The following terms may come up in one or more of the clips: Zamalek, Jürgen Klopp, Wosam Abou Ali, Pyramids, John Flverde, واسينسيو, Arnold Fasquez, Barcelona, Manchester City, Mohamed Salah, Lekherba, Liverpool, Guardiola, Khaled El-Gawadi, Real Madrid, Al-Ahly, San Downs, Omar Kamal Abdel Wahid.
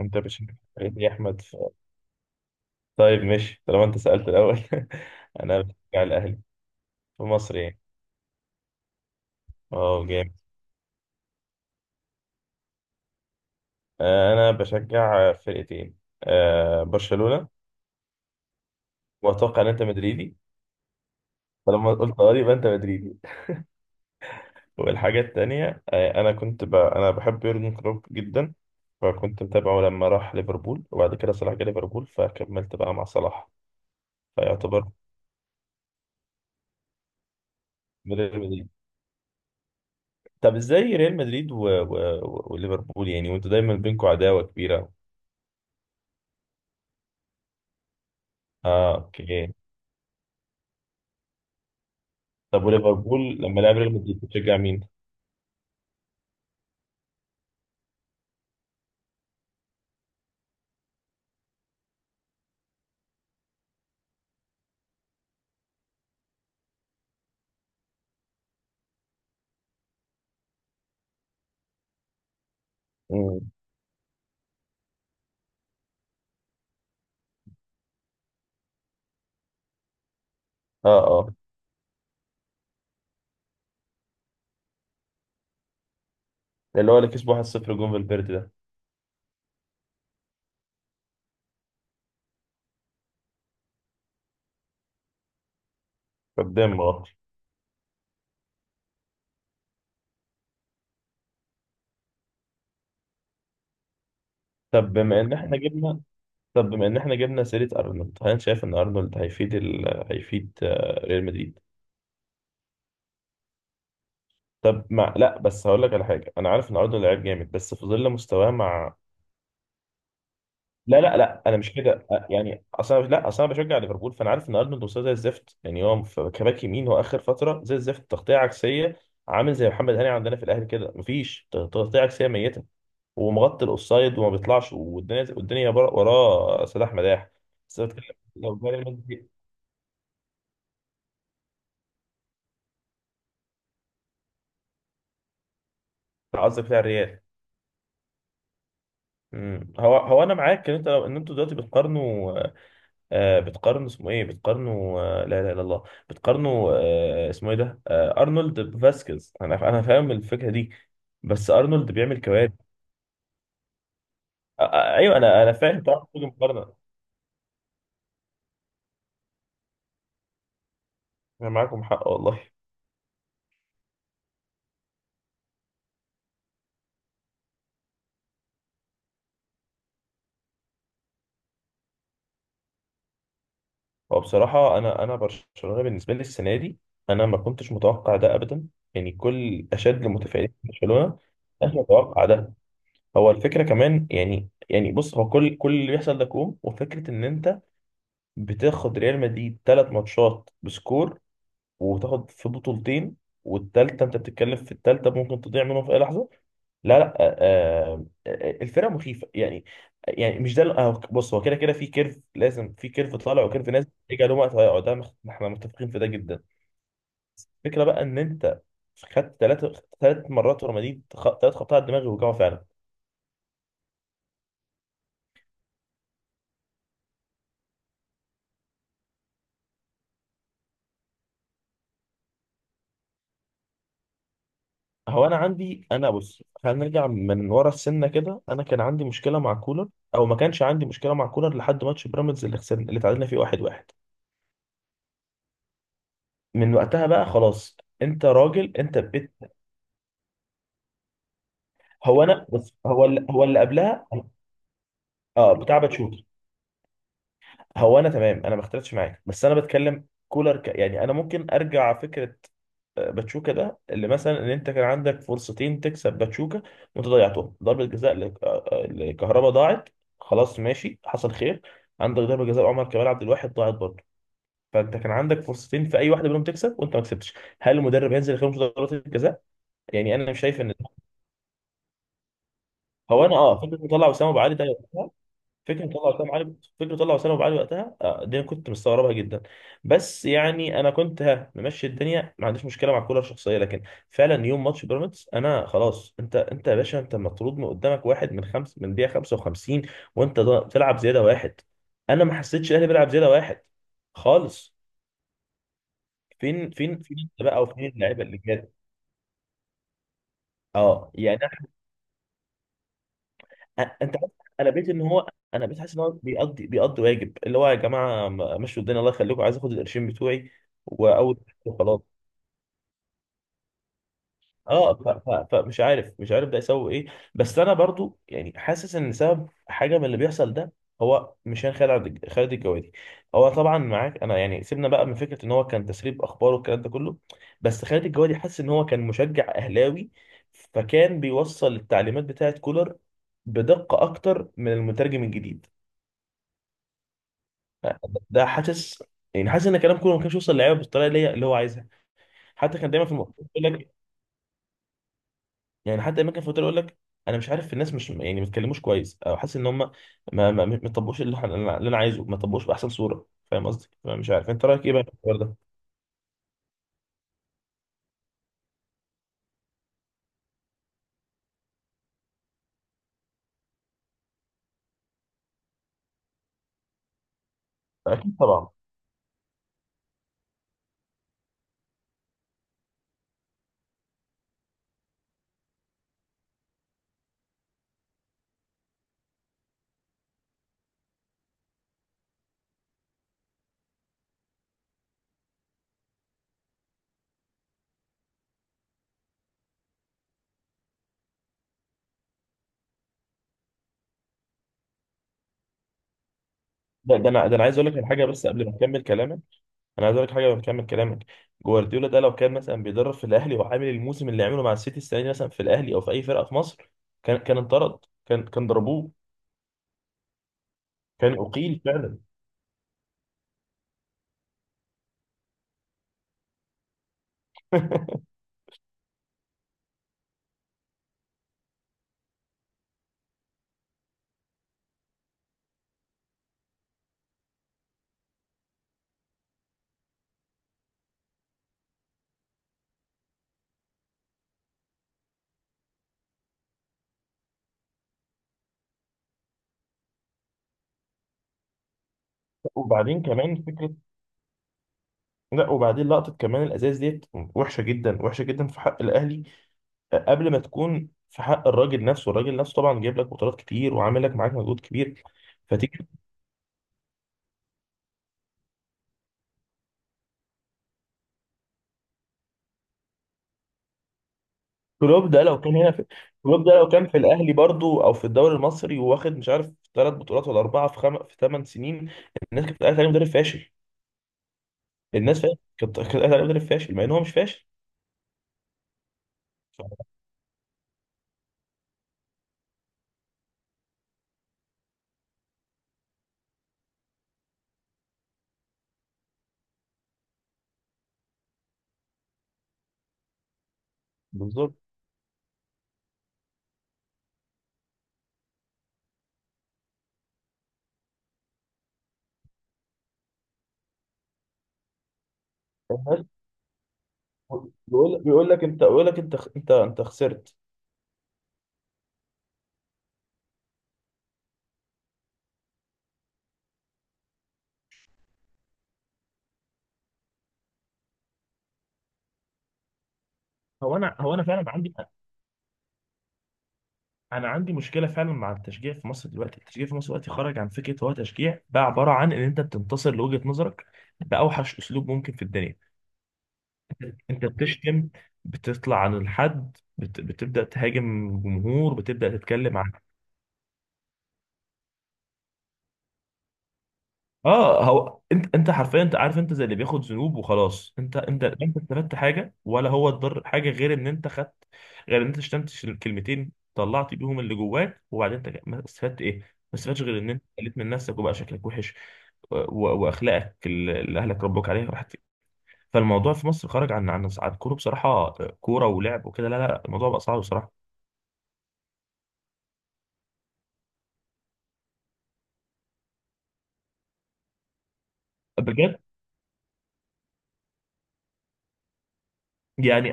انت بتشجع فريق يا احمد؟ طيب ماشي طالما انت سألت الاول. انا بشجع الاهلي في مصر يعني. اه جامد. انا بشجع فرقتين. برشلونة. واتوقع ان انت مدريدي، فلما قلت اه يبقى انت مدريدي. والحاجة التانية انا كنت انا بحب يورجن كلوب جدا، فكنت متابعه لما راح ليفربول، وبعد كده صلاح جه ليفربول فكملت بقى مع صلاح، فيعتبر. من ريال مدريد. طب ازاي ريال مدريد وليفربول يعني، وانتوا دايما بينكم عداوة كبيرة. اه اوكي. طب وليفربول لما لعب ريال مدريد بتشجع مين؟ مم. اه اه، اللي هو اللي كسبه 1-0 جون فالفيردي ده. قدام اه. طب بما ان احنا جبنا، طب بما ان احنا جبنا سيرة ارنولد، هل أنت شايف ان ارنولد هيفيد هيفيد ريال مدريد؟ طب مع لا، بس هقول لك على حاجة، انا عارف ان ارنولد لعيب جامد بس في ظل مستواه مع. لا لا لا، انا مش كده يعني، اصلا لا، اصلا انا بشجع ليفربول، فانا عارف ان ارنولد مستواه زي الزفت يعني. هو كباك يمين، هو اخر فتره زي الزفت، تغطيه عكسيه. عامل زي محمد هاني عندنا في الاهلي كده، مفيش تغطيه عكسيه، ميته ومغطي الاوفسايد وما بيطلعش، والدنيا والدنيا وراه سلاح مداح. بس أنا بتكلم لو جاري منه قصدك بتاع الريال. أمم. هو هو انا معاك ان انت ان انتوا دلوقتي بتقارنوا. بتقارنه اسمه ايه، بتقارنه لا اله الا الله، بتقارنه اسمه ايه ده، ارنولد بفاسكيز. انا انا فاهم الفكره دي، بس ارنولد بيعمل كوارث. ايوه انا انا فاهم طبعا كل مقارنه. انا معاكم حق والله. هو بصراحه انا انا برشلونه بالنسبه لي السنه دي، انا ما كنتش متوقع ده ابدا. يعني كل اشد المتفائلين في برشلونه كانش متوقع ده. هو الفكره كمان يعني، يعني بص، هو كل كل اللي بيحصل ده كوم، وفكره ان انت بتاخد ريال مدريد ثلاث ماتشات بسكور، وتاخد في بطولتين، والتالتة انت بتتكلم في التالتة ممكن تضيع منهم في اي لحظة. لا لا الفرقة مخيفة يعني. يعني مش ده بص، هو كده كده في كيرف، لازم في كيرف طالع وكيرف نازل يجي عليهم وقت هيقعد ده احنا متفقين في ده جدا. الفكرة بقى ان انت خدت ثلاثة، ثلاث مرات ورا مدريد، ثلاث خبطات على الدماغ، وجعوا فعلا. هو انا عندي، انا بص خلينا نرجع من ورا السنه كده، انا كان عندي مشكله مع كولر، او ما كانش عندي مشكله مع كولر لحد ماتش بيراميدز اللي خسرنا اللي تعادلنا فيه 1-1. من وقتها بقى خلاص، انت راجل انت بت. هو انا بص، هو اللي هو اللي قبلها. اه، بتاع باتشوكا. هو انا تمام، انا ما اختلفتش معاك بس انا بتكلم كولر يعني، انا ممكن ارجع فكره باتشوكا ده، اللي مثلا ان انت كان عندك فرصتين تكسب باتشوكا وانت ضيعتهم. ضربه جزاء لكهربا ضاعت، خلاص ماشي حصل خير. عندك ضربه جزاء عمر كمال عبد الواحد ضاعت برضه. فانت كان عندك فرصتين في اي واحده منهم تكسب وانت ما كسبتش. هل المدرب هينزل يخرج ضربات الجزاء؟ يعني انا مش شايف ان. هو انا اه فكره مطلع وسام ابو علي ده وقتها، فكره مطلع وسام ابو علي، فكره مطلع وسام ابو علي وقتها، آه دي أنا كنت مستغربها جدا. بس يعني انا كنت ها ممشي الدنيا، ما عنديش مشكله مع الكوره الشخصيه، لكن فعلا يوم ماتش بيراميدز انا خلاص. انت انت يا باشا، انت مطرود من قدامك واحد من خمس من دقيقه 55، وانت بتلعب زياده واحد. انا ما حسيتش الاهلي بيلعب زياده واحد خالص. فين فين فين انت بقى، وفين اللعيبه اللي جت؟ اه يعني. انت عارف، انا بقيت ان هو، انا بقيت حاسس ان هو بيقضي بيقضي واجب، اللي هو يا جماعه مشوا الدنيا الله يخليكم، عايز اخد القرشين بتوعي. واول وخلاص. اه فمش عارف، مش عارف ده يسوي ايه. بس انا برضو يعني حاسس ان سبب حاجه من اللي بيحصل ده هو مش خالد، خالد الجوادي. هو طبعا معاك انا يعني، سيبنا بقى من فكره ان هو كان تسريب اخبار والكلام ده كله، بس خالد الجوادي حاسس ان هو كان مشجع اهلاوي، فكان بيوصل التعليمات بتاعه كولر بدقه اكتر من المترجم الجديد ده، حاسس. يعني حاسس ان كلام كله ما كانش يوصل للعيبه بالطريقه اللي هي اللي هو عايزها. حتى كان دايما في المؤتمر يقول لك، يعني حتى دايما كان في المؤتمر يقول لك انا مش عارف الناس مش يعني ما بيتكلموش كويس، او حاسس ان هم ما طبقوش اللي اللي انا عايزه، ما طبقوش باحسن صوره، فاهم قصدي؟ فأنا مش عارف انت رايك ايه بقى في الحوار ده. اكيد طبعا. ده انا انا عايز اقول لك على حاجه بس قبل ما اكمل كلامك، انا عايز اقول لك حاجه قبل ما اكمل كلامك. جوارديولا ده لو كان مثلا بيدرب في الاهلي وعامل الموسم اللي عمله مع السيتي السنه دي مثلا في الاهلي او في اي فرقه في مصر، كان انطرد، كان ضربوه. كان اقيل فعلا وبعدين كمان فكره. لا وبعدين لقطه كمان الازاز ديت وحشه جدا، وحشه جدا في حق الاهلي قبل ما تكون في حق الراجل نفسه. الراجل نفسه طبعا جايب لك بطولات كتير وعامل لك معاك مجهود كبير. فتيجي، كلوب ده لو كان هنا في، كلوب ده لو كان في الاهلي برضو او في الدوري المصري، وواخد مش عارف ثلاث بطولات ولا اربعه في في ثمان سنين، الناس كانت قاعده عليه مدرب فاشل. الناس فا- كانت كانت قاعده عليه مدرب فاشل مع ان هو مش فاشل. ف- بالظبط. الناس بيقول، بيقول لك انت، بيقول لك انت انت انت خسرت. هو انا، هو انا فعلا عندي، انا عندي مشكله فعلا مع التشجيع في مصر دلوقتي. التشجيع في مصر دلوقتي خرج عن فكره هو تشجيع، بقى عباره عن ان انت بتنتصر لوجهه نظرك باوحش اسلوب ممكن في الدنيا. انت بتشتم، بتطلع عن الحد، بتبدا تهاجم جمهور، بتبدا تتكلم. اه هو انت انت حرفيا، انت عارف انت زي اللي بياخد ذنوب وخلاص، انت انت لا انت استفدت حاجه، ولا هو اتضر حاجه، غير ان انت خدت، غير ان انت شتمت كلمتين طلعت بيهم اللي جواك، وبعدين انت ما استفدت ايه؟ ما استفدتش غير ان انت قلت من نفسك وبقى شكلك وحش و- واخلاقك اللي اللي اهلك ربوك عليها راحت. فالموضوع في مصر خرج عن عن عن كوره بصراحه، كوره ولعب وكده، لا لا الموضوع بقى صعب بصراحه. بجد يعني.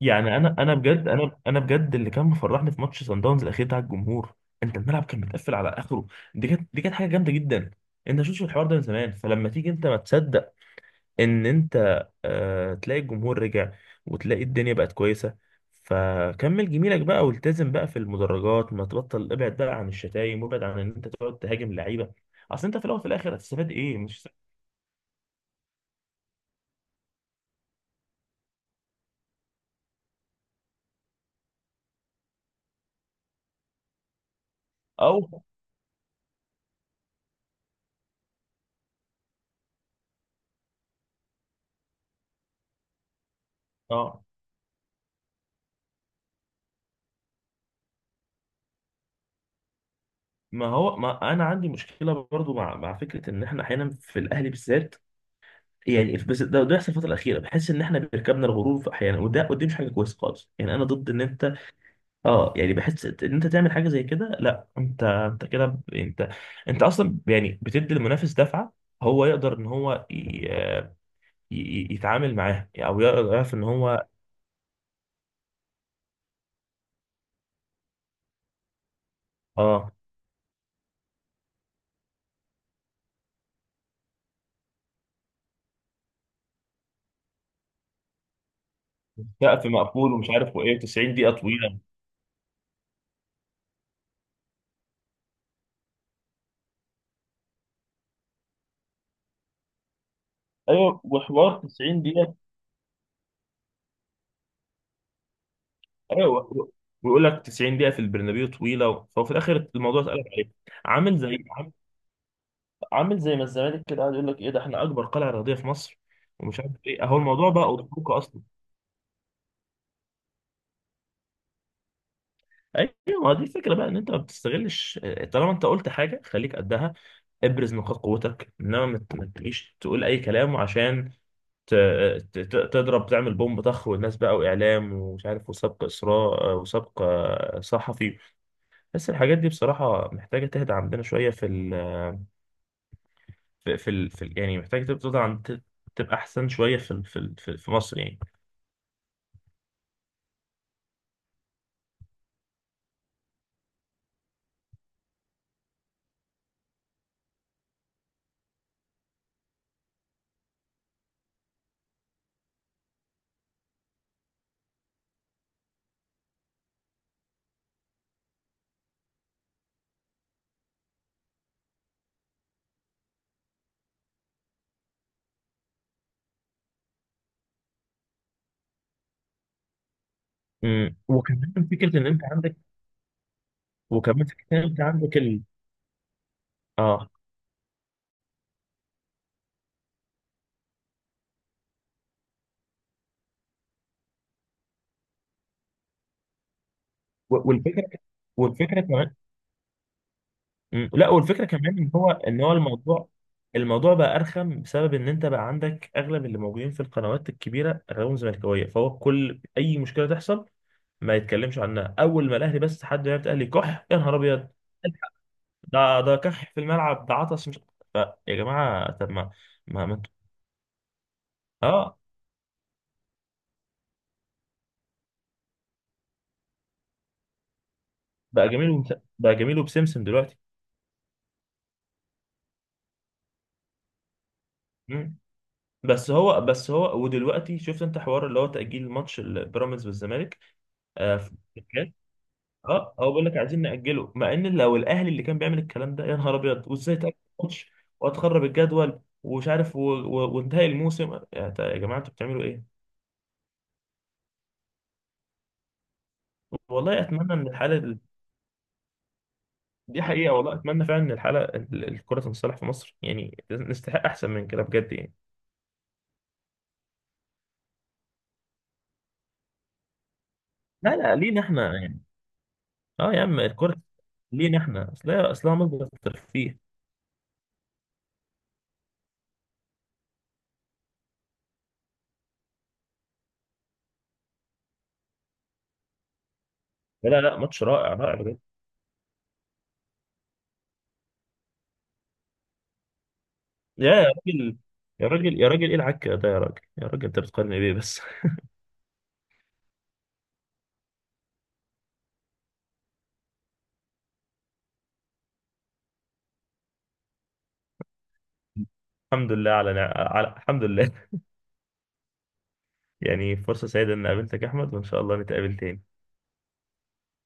يعني انا انا بجد، انا انا بجد اللي كان مفرحني في ماتش سان داونز الاخير بتاع الجمهور. انت الملعب كان متقفل على اخره، دي كانت، دي كانت حاجه جامده جدا. انت شفتش الحوار ده من زمان، فلما تيجي انت ما تصدق ان انت آه تلاقي الجمهور رجع، وتلاقي الدنيا بقت كويسه. فكمل جميلك بقى والتزم بقى في المدرجات، ما تبطل، ابعد بقى عن الشتايم، وابعد عن ان انت تقعد تهاجم اللعيبه. اصل انت في الاول وفي الاخر هتستفاد ايه؟ مش او اه. ما هو ما انا عندي مشكله برضو مع مع فكره ان احنا احيانا في الاهلي بالذات يعني بس ده يحصل الفترة الأخيرة. بحس إن إحنا بيركبنا الغرور في أحيانا، وده ودي مش حاجة كويسة خالص، يعني أنا ضد إن أنت. أه يعني بحس إن أنت تعمل حاجة زي كده، لا أنت أنت كده أنت، أنت أصلا يعني بتدي المنافس دفعة. هو يقدر إن هو يتعامل معاها، أو يقدر يعرف إن هو أه سقف مقفول ومش عارف وإيه، 90 دقيقة طويلة. أيوه وحوار 90 دقيقة. أيوه ويقول لك 90 دقيقة في البرنابيو طويلة، فهو في الآخر الموضوع اتقلب عليك. عامل زي، عامل زي ما الزمالك كده قاعد يقول لك ايه ده، احنا اكبر قلعه رياضيه في مصر، ومش عارف ايه، اهو الموضوع بقى قدامك اصلا. ايوه، ما دي الفكره بقى ان انت ما بتستغلش. طالما انت قلت حاجه خليك قدها، ابرز نقاط قوتك، انما ما ما تجيش تقول اي كلام عشان ت- تضرب، تعمل بومب طخ، والناس بقى واعلام ومش عارف وسبق اسراء وسبق صحفي. بس الحاجات دي بصراحه محتاجه تهدى عندنا شويه في ال في في ال يعني، محتاجه تبقى تبقى تبقى احسن شويه في في مصر يعني. مم. وكمان فكره ان انت عندك، وكمان فكره ان انت عندك ال... اه والفكره والفكره كمان. مم. لا والفكره كمان ان هو ان هو الموضوع، الموضوع بقى ارخم بسبب ان انت بقى عندك اغلب اللي موجودين في القنوات الكبيره اغلبهم زملكاويه، فهو كل اي مشكله تحصل ما يتكلمش عنها، اول ما الاهلي بس حد يعرف الاهلي كح يا نهار ابيض. ده ده كح في الملعب، ده عطس مش. ف- يا جماعه طب ما. ما ما انتوا. اه بقى جميل بقى جميل وبسمسم دلوقتي. بس هو بس هو ودلوقتي شفت انت حوار اللي هو تأجيل ماتش البيراميدز والزمالك، في الكاس. اه هو بيقول لك عايزين نأجله، مع ان لو الاهلي اللي كان بيعمل الكلام ده يا نهار ابيض، وازاي تأجل ماتش، وهتخرب الجدول، ومش عارف وانتهي الموسم، يا يا جماعه انتوا بتعملوا ايه؟ والله اتمنى ان الحاله دي حقيقه، والله اتمنى فعلا ان الحاله الكره تنصلح في مصر، يعني نستحق احسن من كده بجد يعني. لا لا لينا احنا يعني. اه يا عم الكره لينا احنا اصلها، اصلها مصدر ترفيه. لا لا لا، ماتش رائع رائع بجد. يا يا راجل، يا راجل يا راجل ايه العك ده يا راجل يا راجل، انت بتقارن بيه بس. الحمد لله على الحمد لله. يعني فرصة سعيدة ان قابلتك يا احمد، وان شاء الله نتقابل تاني.